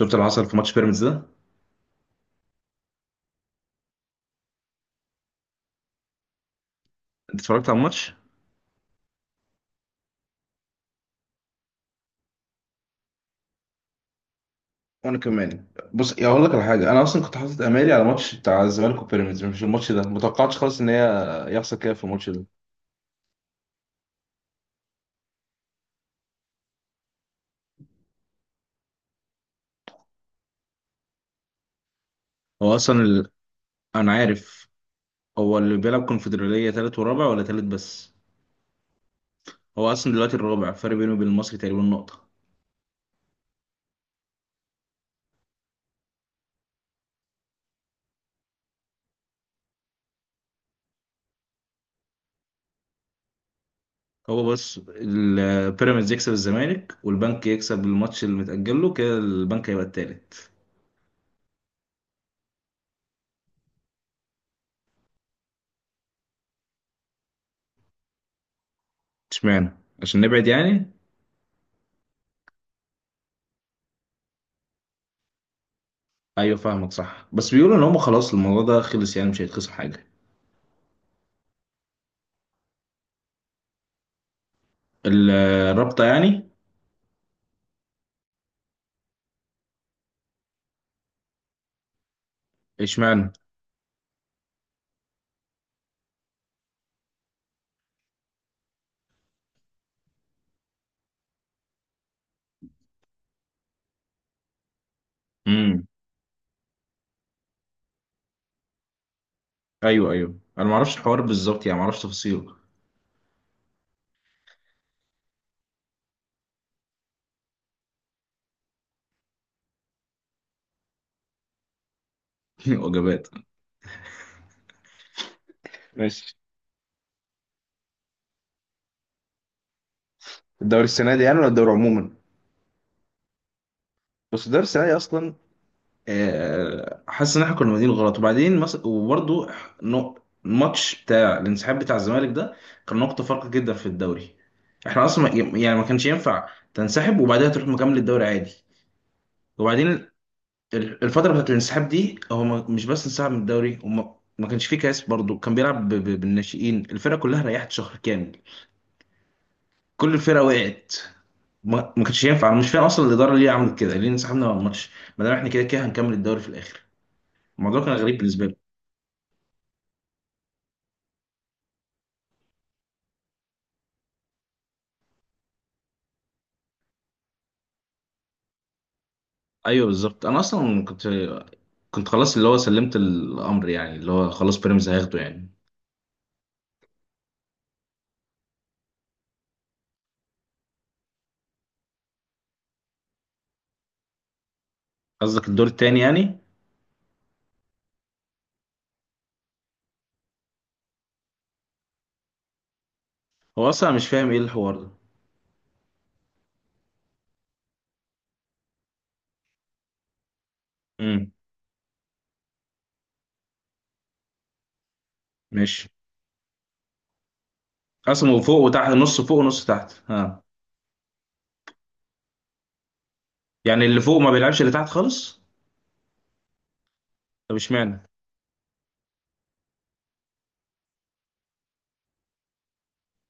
شفت اللي حصل في ماتش بيراميدز ده. انت اتفرجت على الماتش؟ وانا كمان. بص يا اقول لك على حاجه، انا اصلا كنت حاطط امالي على ماتش بتاع الزمالك وبيراميدز، مش الماتش ده، متوقعتش خالص ان هي يحصل كده في الماتش ده. هو اصلا انا عارف. هو اللي بيلعب كونفدرالية تالت ورابع ولا تالت بس؟ هو اصلا دلوقتي الرابع، فرق بينه وبين المصري تقريبا نقطة. هو بس بيراميدز يكسب الزمالك والبنك يكسب الماتش اللي متأجل له، كده البنك هيبقى التالت. اشمعنى؟ عشان نبعد يعني. ايوه فاهمك صح، بس بيقولوا ان هم خلاص الموضوع ده خلص، يعني مش هيتخصم حاجه. ال- الرابطه يعني. اشمعنى؟ امم. ايوه ايوه، انا ما اعرفش الحوار بالظبط، يعني ما اعرفش تفاصيله. وجبات. ماشي. الدوري السنه دي يعني ولا الدوري عموما؟ بس الدوري السنه دي اصلا، حاسس ان احنا كنا بادئين غلط، وبعدين وبرضه الماتش بتاع الانسحاب بتاع الزمالك ده كان نقطه فارقه جدا في الدوري. احنا اصلا يعني ما كانش ينفع تنسحب وبعدها تروح مكمل الدوري عادي. وبعدين الفترة بتاعت الانسحاب دي، هو مش بس انسحب من الدوري، وما ما كانش فيه كاس برضه، كان بيلعب بالناشئين، الفرقة كلها ريحت شهر كامل. كل الفرقة وقعت. ما كانش ينفع، انا مش فاهم اصلا الإدارة ليه عملت كده، ليه انسحبنا من الماتش ما دام احنا كده كده هنكمل الدوري في الآخر. الموضوع كان غريب بالنسبة لي. ايوه بالظبط، انا اصلا كنت، كنت خلاص اللي هو سلمت الأمر، يعني اللي هو خلاص بيراميدز هياخده يعني. قصدك الدور التاني يعني؟ هو اصلا مش فاهم ايه الحوار ده. امم. ماشي. قسمه فوق وتحت، نص فوق ونص تحت، ها. يعني اللي فوق ما بيلعبش اللي تحت خالص؟ طب اشمعنى؟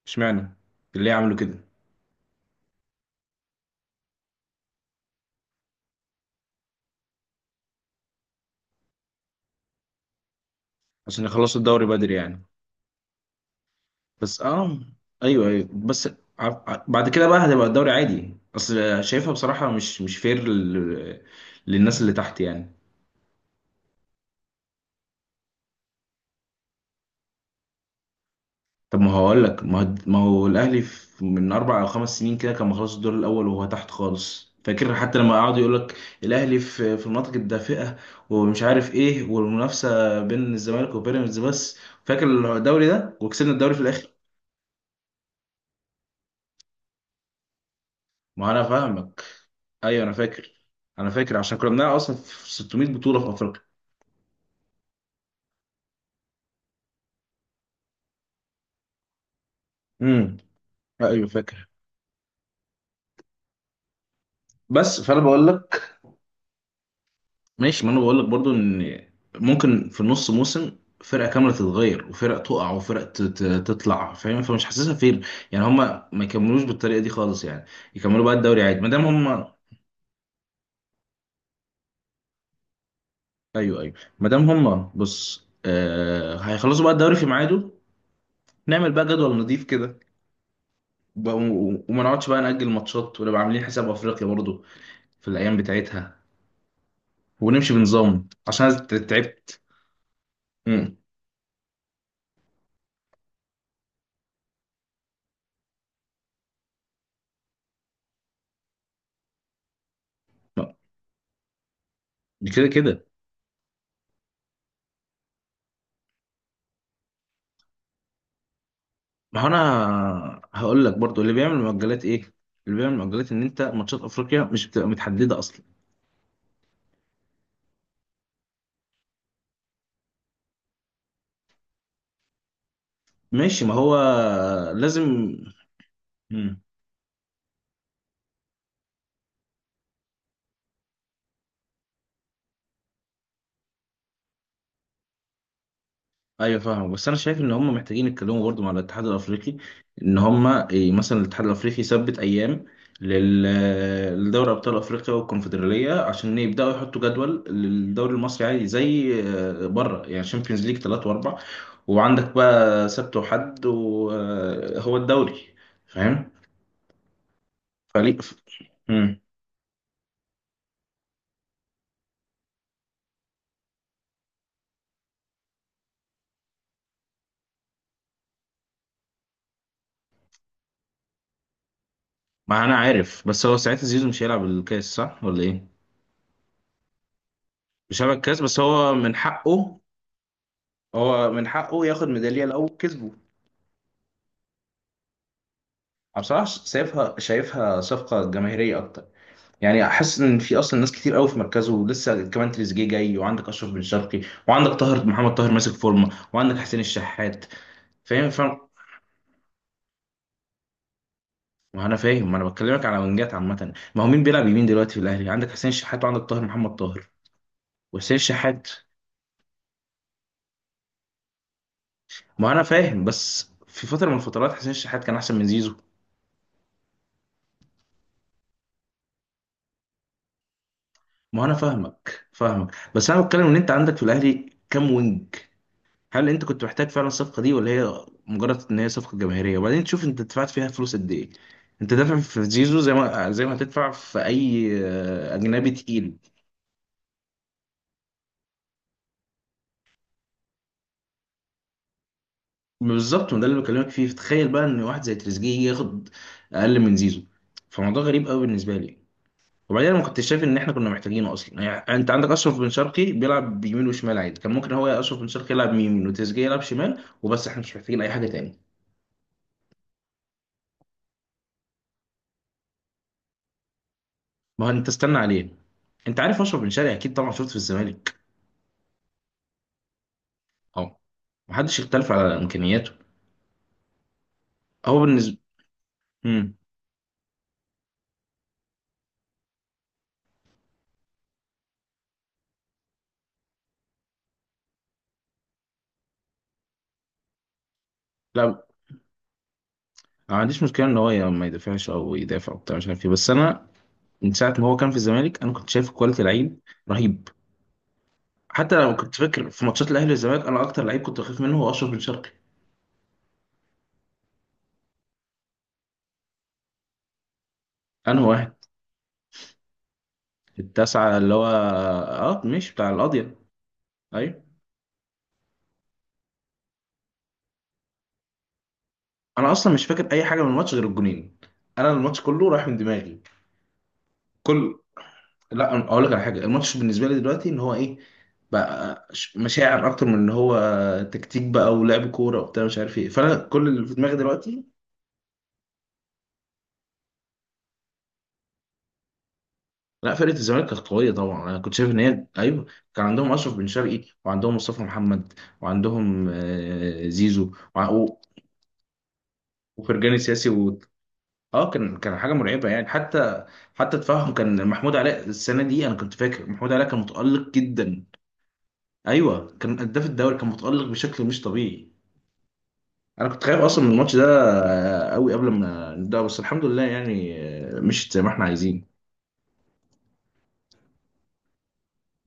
اشمعنى اللي يعملوا كده؟ عشان يخلصوا الدوري بدري يعني. بس اه. ايوه ايوه بس، بعد كده بقى هتبقى الدوري عادي، اصل شايفها بصراحة مش مش فير للناس اللي تحت يعني. طب ما هقول لك، ما هو الاهلي من اربع او خمس سنين كده كان مخلص الدور الاول وهو تحت خالص، فاكر حتى لما قعدوا يقول لك الاهلي في المناطق الدافئه ومش عارف ايه، والمنافسه بين الزمالك وبيراميدز بس، فاكر الدوري ده وكسبنا الدوري في الاخر. ما انا فاهمك. ايوه انا فاكر، انا فاكر، عشان كنا بنلعب اصلا في 600 بطوله في افريقيا. امم. ايوه فاكر. بس فانا بقول لك، ماشي، ما انا بقول لك برضو ان ممكن في نص موسم فرقه كامله تتغير، وفرق تقع وفرق تطلع، فاهم؟ فمش حاسسها فين يعني. هما ما يكملوش بالطريقه دي خالص يعني، يكملوا بقى الدوري عادي ما دام هما. ايوه ايوه، ما دام هما بص، هيخلصوا بقى الدوري في ميعاده، نعمل بقى جدول نظيف كده، وما نقعدش بقى نأجل ماتشات، ونبقى عاملين حساب افريقيا برضو في الايام بتاعتها، ونمشي بنظام، عشان أنا تعبت. امم. كده كده. ما هو انا هقول لك برضو، اللي بيعمل مؤجلات ايه؟ اللي بيعمل مؤجلات ان انت ماتشات افريقيا مش بتبقى متحدده اصلا. ماشي ما هو. لازم. مم. ايوه فاهم، بس انا شايف ان هم محتاجين يتكلموا برضو مع الاتحاد الافريقي، ان هم إيه، مثلا الاتحاد الافريقي يثبت ايام لدوري ابطال افريقيا والكونفدراليه، عشان يبداوا يحطوا جدول للدوري المصري عادي زي بره يعني، شامبيونز ليج ثلاثة واربع، وعندك بقى سبت وحد وهو الدوري. فاهم؟ فريق. امم. ما انا عارف، بس هو ساعتها زيزو مش هيلعب الكاس صح ولا ايه؟ مش هيلعب الكاس، بس هو من حقه، هو من حقه ياخد ميدالية لو كسبه. انا بصراحة شايفها، شايفها صفقة جماهيرية اكتر. يعني احس ان في اصلا ناس كتير قوي في مركزه، ولسه كمان تريزيجيه جاي، وعندك اشرف بن شرقي، وعندك طاهر محمد طاهر ماسك فورمة، وعندك حسين الشحات. فاهم فاهم. ما انا فاهم، ما انا بكلمك على وينجات عامة، ما هو مين بيلعب يمين دلوقتي في الاهلي؟ عندك حسين الشحات وعندك طاهر محمد طاهر وحسين الشحات. ما انا فاهم، بس في فتره من الفترات حسين الشحات كان احسن من زيزو. ما انا فاهمك فاهمك، بس انا بتكلم ان انت عندك في الاهلي كام وينج؟ هل انت كنت محتاج فعلا الصفقه دي، ولا هي مجرد ان هي صفقه جماهيريه؟ وبعدين تشوف انت دفعت فيها فلوس قد ايه، انت دافع في زيزو زي ما زي ما هتدفع في اي اجنبي تقيل. بالظبط، وده اللي بكلمك فيه، تخيل بقى ان واحد زي تريزيجيه يجي ياخد اقل من زيزو، فموضوع غريب قوي بالنسبه لي. وبعدين أنا ما كنتش شايف ان احنا كنا محتاجينه اصلا، يعني انت عندك اشرف بن شرقي بيلعب بيمين وشمال عادي، كان ممكن هو يا اشرف بن شرقي يلعب يمين وتريزيجيه يلعب شمال وبس، احنا مش محتاجين اي حاجه تاني. ما هو انت استنى عليه، انت عارف اشرف بن شرقي اكيد طبعا، شفته في الزمالك. اه. محدش يختلف على امكانياته. هو بالنسبه. امم. لا أنا ما عنديش مشكله ان هو ما يدافعش او يدافع وبتاع مش عارف ايه، بس انا من ساعه ما هو كان في الزمالك انا كنت شايف كواليتي لعيب رهيب، حتى لو كنت فاكر في ماتشات الاهلي والزمالك انا اكتر لعيب كنت بخاف منه هو اشرف بن شرقي. انا واحد. التاسعة، اللي هو اه مش بتاع القاضية؟ ايوه. انا اصلا مش فاكر اي حاجة من الماتش غير الجونين، انا الماتش كله رايح من دماغي. كل، لا أنا اقول لك على حاجة، الماتش بالنسبة لي دلوقتي ان هو ايه، بقى مشاعر اكتر من ان هو تكتيك بقى ولعب كورة وبتاع مش عارف ايه، فانا كل اللي في دماغي دلوقتي. لا فرقة الزمالك كانت قوية طبعا، انا كنت شايف ان هي ايوه. كان عندهم اشرف بن شرقي، وعندهم مصطفى محمد، وعندهم زيزو، وفرجاني سياسي اه. كان كان حاجة مرعبة يعني. حتى حتى تفهم، كان محمود علاء السنه دي، انا كنت فاكر محمود علاء كان متالق جدا. ايوه، كان هداف الدوري، كان متالق بشكل مش طبيعي. انا كنت خايف اصلا من الماتش ده قوي قبل ما نبدا، بس الحمد لله يعني، مشيت زي ما احنا عايزين.